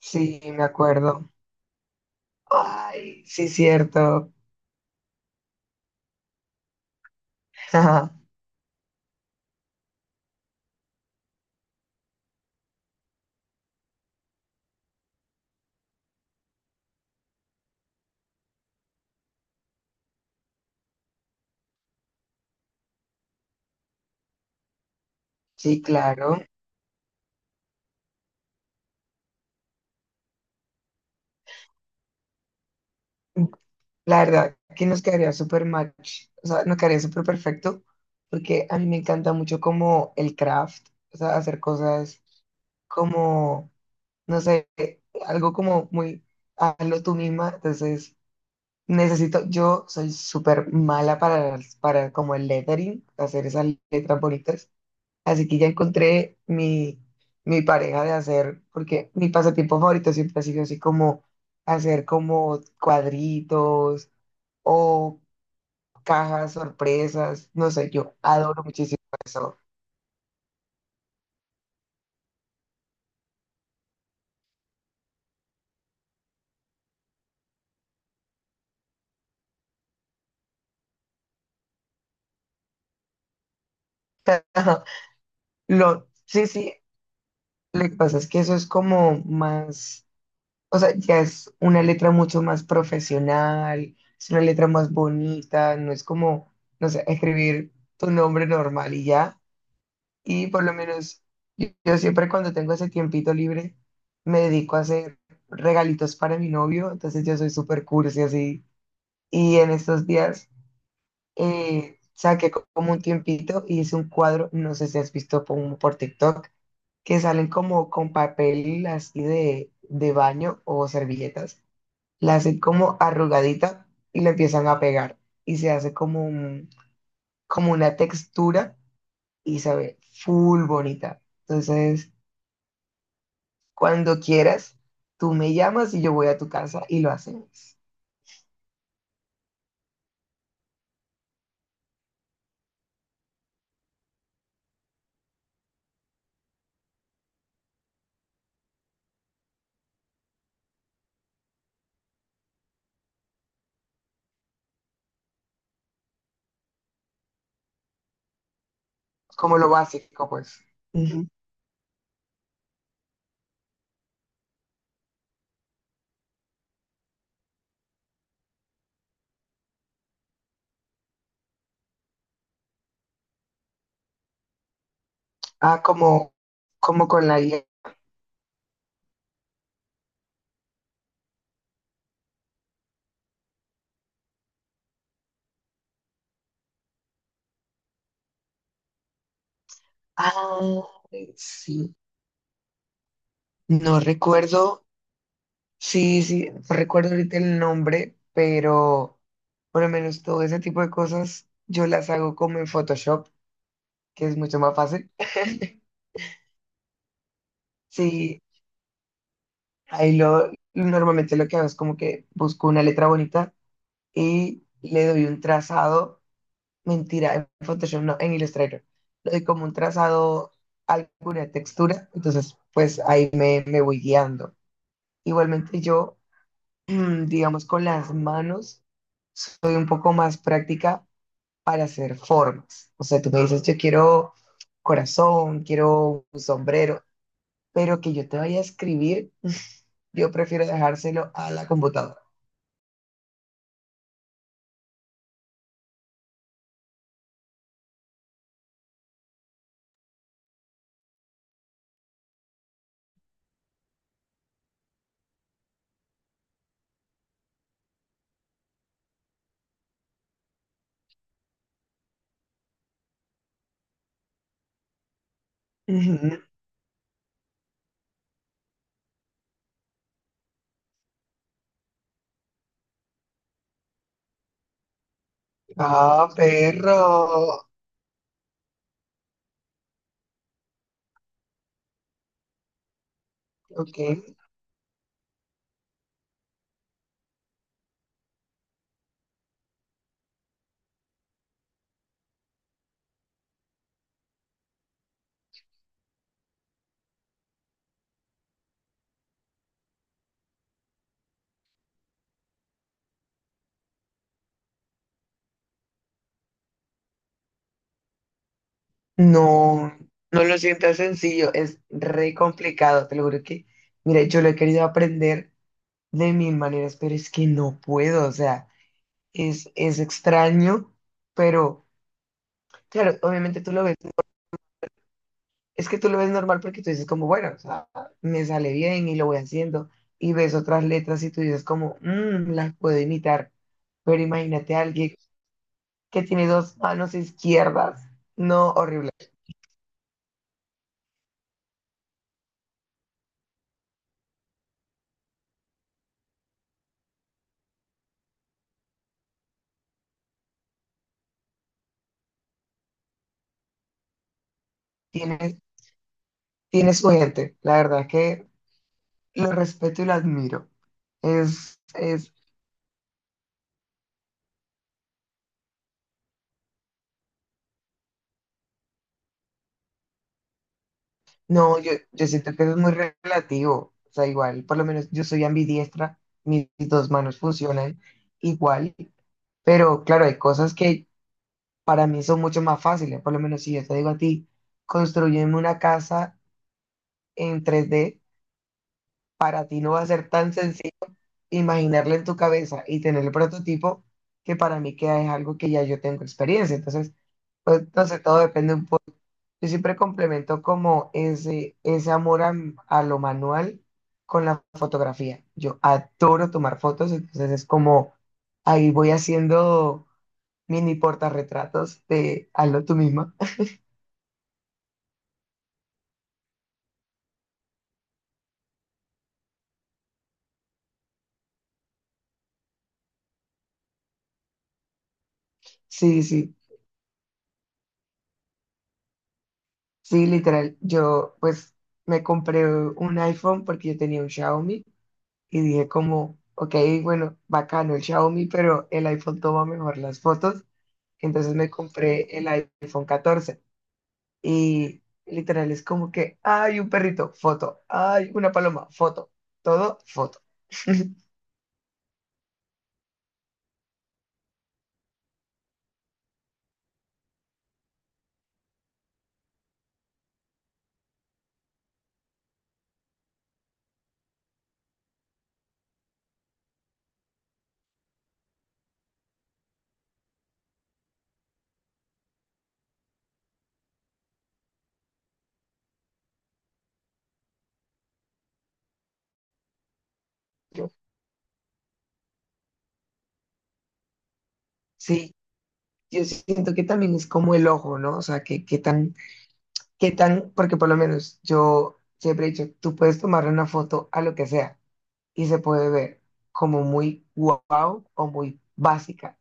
Sí, me acuerdo. Ay, sí, cierto. Sí, claro. La verdad, que nos quedaría súper match. O sea, nos quedaría súper perfecto porque a mí me encanta mucho como el craft, o sea, hacer cosas como, no sé, algo como muy, hazlo tú misma. Entonces, necesito, yo soy súper mala para como el lettering, hacer esas letras bonitas. Así que ya encontré mi pareja de hacer, porque mi pasatiempo favorito siempre ha sido así como hacer como cuadritos o cajas sorpresas. No sé, yo adoro muchísimo eso. Ajá. Lo, sí, sí, lo que pasa es que eso es como más, o sea, ya es una letra mucho más profesional, es una letra más bonita, no es como, no sé, escribir tu nombre normal y ya. Y por lo menos yo siempre cuando tengo ese tiempito libre me dedico a hacer regalitos para mi novio, entonces yo soy súper cursi así. Y en estos días saqué como un tiempito y hice un cuadro, no sé si has visto por TikTok, que salen como con papel así de baño o servilletas. La hacen como arrugadita y la empiezan a pegar y se hace como como una textura y se ve full bonita. Entonces, cuando quieras, tú me llamas y yo voy a tu casa y lo hacemos. Como lo básico, pues. Ujú. Ah, como, como con la guía. Ah, sí. No recuerdo, sí, sí, no recuerdo ahorita el nombre, pero por lo menos todo ese tipo de cosas yo las hago como en Photoshop, que es mucho más fácil. Sí, ahí lo, normalmente lo que hago es como que busco una letra bonita y le doy un trazado, mentira, en Photoshop no, en Illustrator. Le doy como un trazado a alguna textura, entonces pues ahí me voy guiando. Igualmente yo, digamos, con las manos soy un poco más práctica para hacer formas. O sea, tú me dices, yo quiero corazón, quiero un sombrero, pero que yo te vaya a escribir, yo prefiero dejárselo a la computadora. Ujú. Ah, perro. Ok. No, no lo sientas sencillo, es re complicado, te lo juro que, mira, yo lo he querido aprender de mil maneras, pero es que no puedo, o sea, es extraño, pero claro, obviamente tú lo ves, es que tú lo ves normal porque tú dices como, bueno, o sea, me sale bien y lo voy haciendo, y ves otras letras y tú dices como, "Mm, las puedo imitar", pero imagínate a alguien que tiene dos manos izquierdas, no, horrible, tiene, tiene su gente, la verdad que lo respeto y lo admiro. Es, es, no, yo siento que eso es muy relativo. O sea, igual, por lo menos yo soy ambidiestra, mis dos manos funcionan igual, pero claro, hay cosas que para mí son mucho más fáciles. Por lo menos si yo te digo a ti, construyeme una casa en 3D para ti no va a ser tan sencillo imaginarla en tu cabeza y tener el prototipo que para mí queda es algo que ya yo tengo experiencia. Entonces, pues, no sé, todo depende un... Yo siempre complemento como ese amor a lo manual con la fotografía. Yo adoro tomar fotos, entonces es como ahí voy haciendo mini portarretratos de hazlo tú misma. Sí, sí, sí, literal. Yo pues me compré un iPhone porque yo tenía un Xiaomi y dije como, ok, bueno, bacano el Xiaomi, pero el iPhone toma mejor las fotos. Entonces me compré el iPhone 14. Y literal es como que hay un perrito, foto, hay una paloma, foto, todo, foto. Yo, sí, yo siento que también es como el ojo, ¿no? O sea, que tan, porque por lo menos yo siempre he dicho, tú puedes tomar una foto a lo que sea y se puede ver como muy wow o muy básica.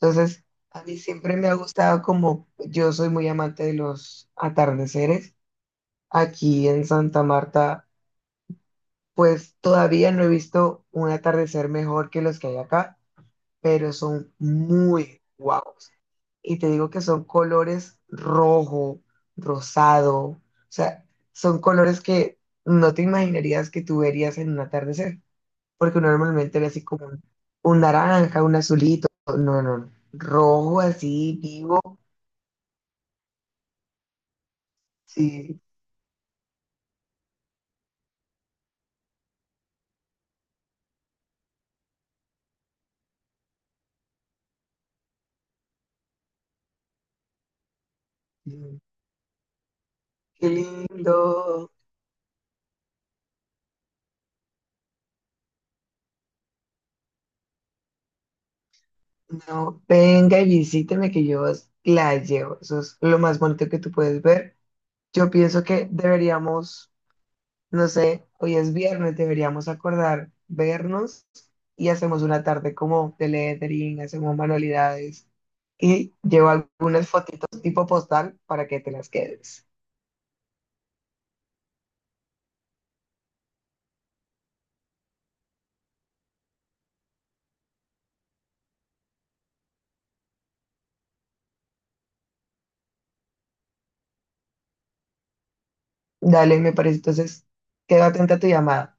Entonces, a mí siempre me ha gustado como, yo soy muy amante de los atardeceres. Aquí en Santa Marta pues todavía no he visto un atardecer mejor que los que hay acá, pero son muy guapos. Y te digo que son colores rojo, rosado, o sea, son colores que no te imaginarías que tú verías en un atardecer, porque uno normalmente ve así como un naranja, un azulito, no, no, no, rojo así vivo, sí, sí, qué lindo. No, venga y visíteme que yo os la llevo. Eso es lo más bonito que tú puedes ver. Yo pienso que deberíamos, no sé, hoy es viernes, deberíamos acordar vernos y hacemos una tarde como de lettering, hacemos manualidades y llevo algunas fotitos tipo postal para que te las quedes. Dale, me parece. Entonces, quedo atenta a tu llamada.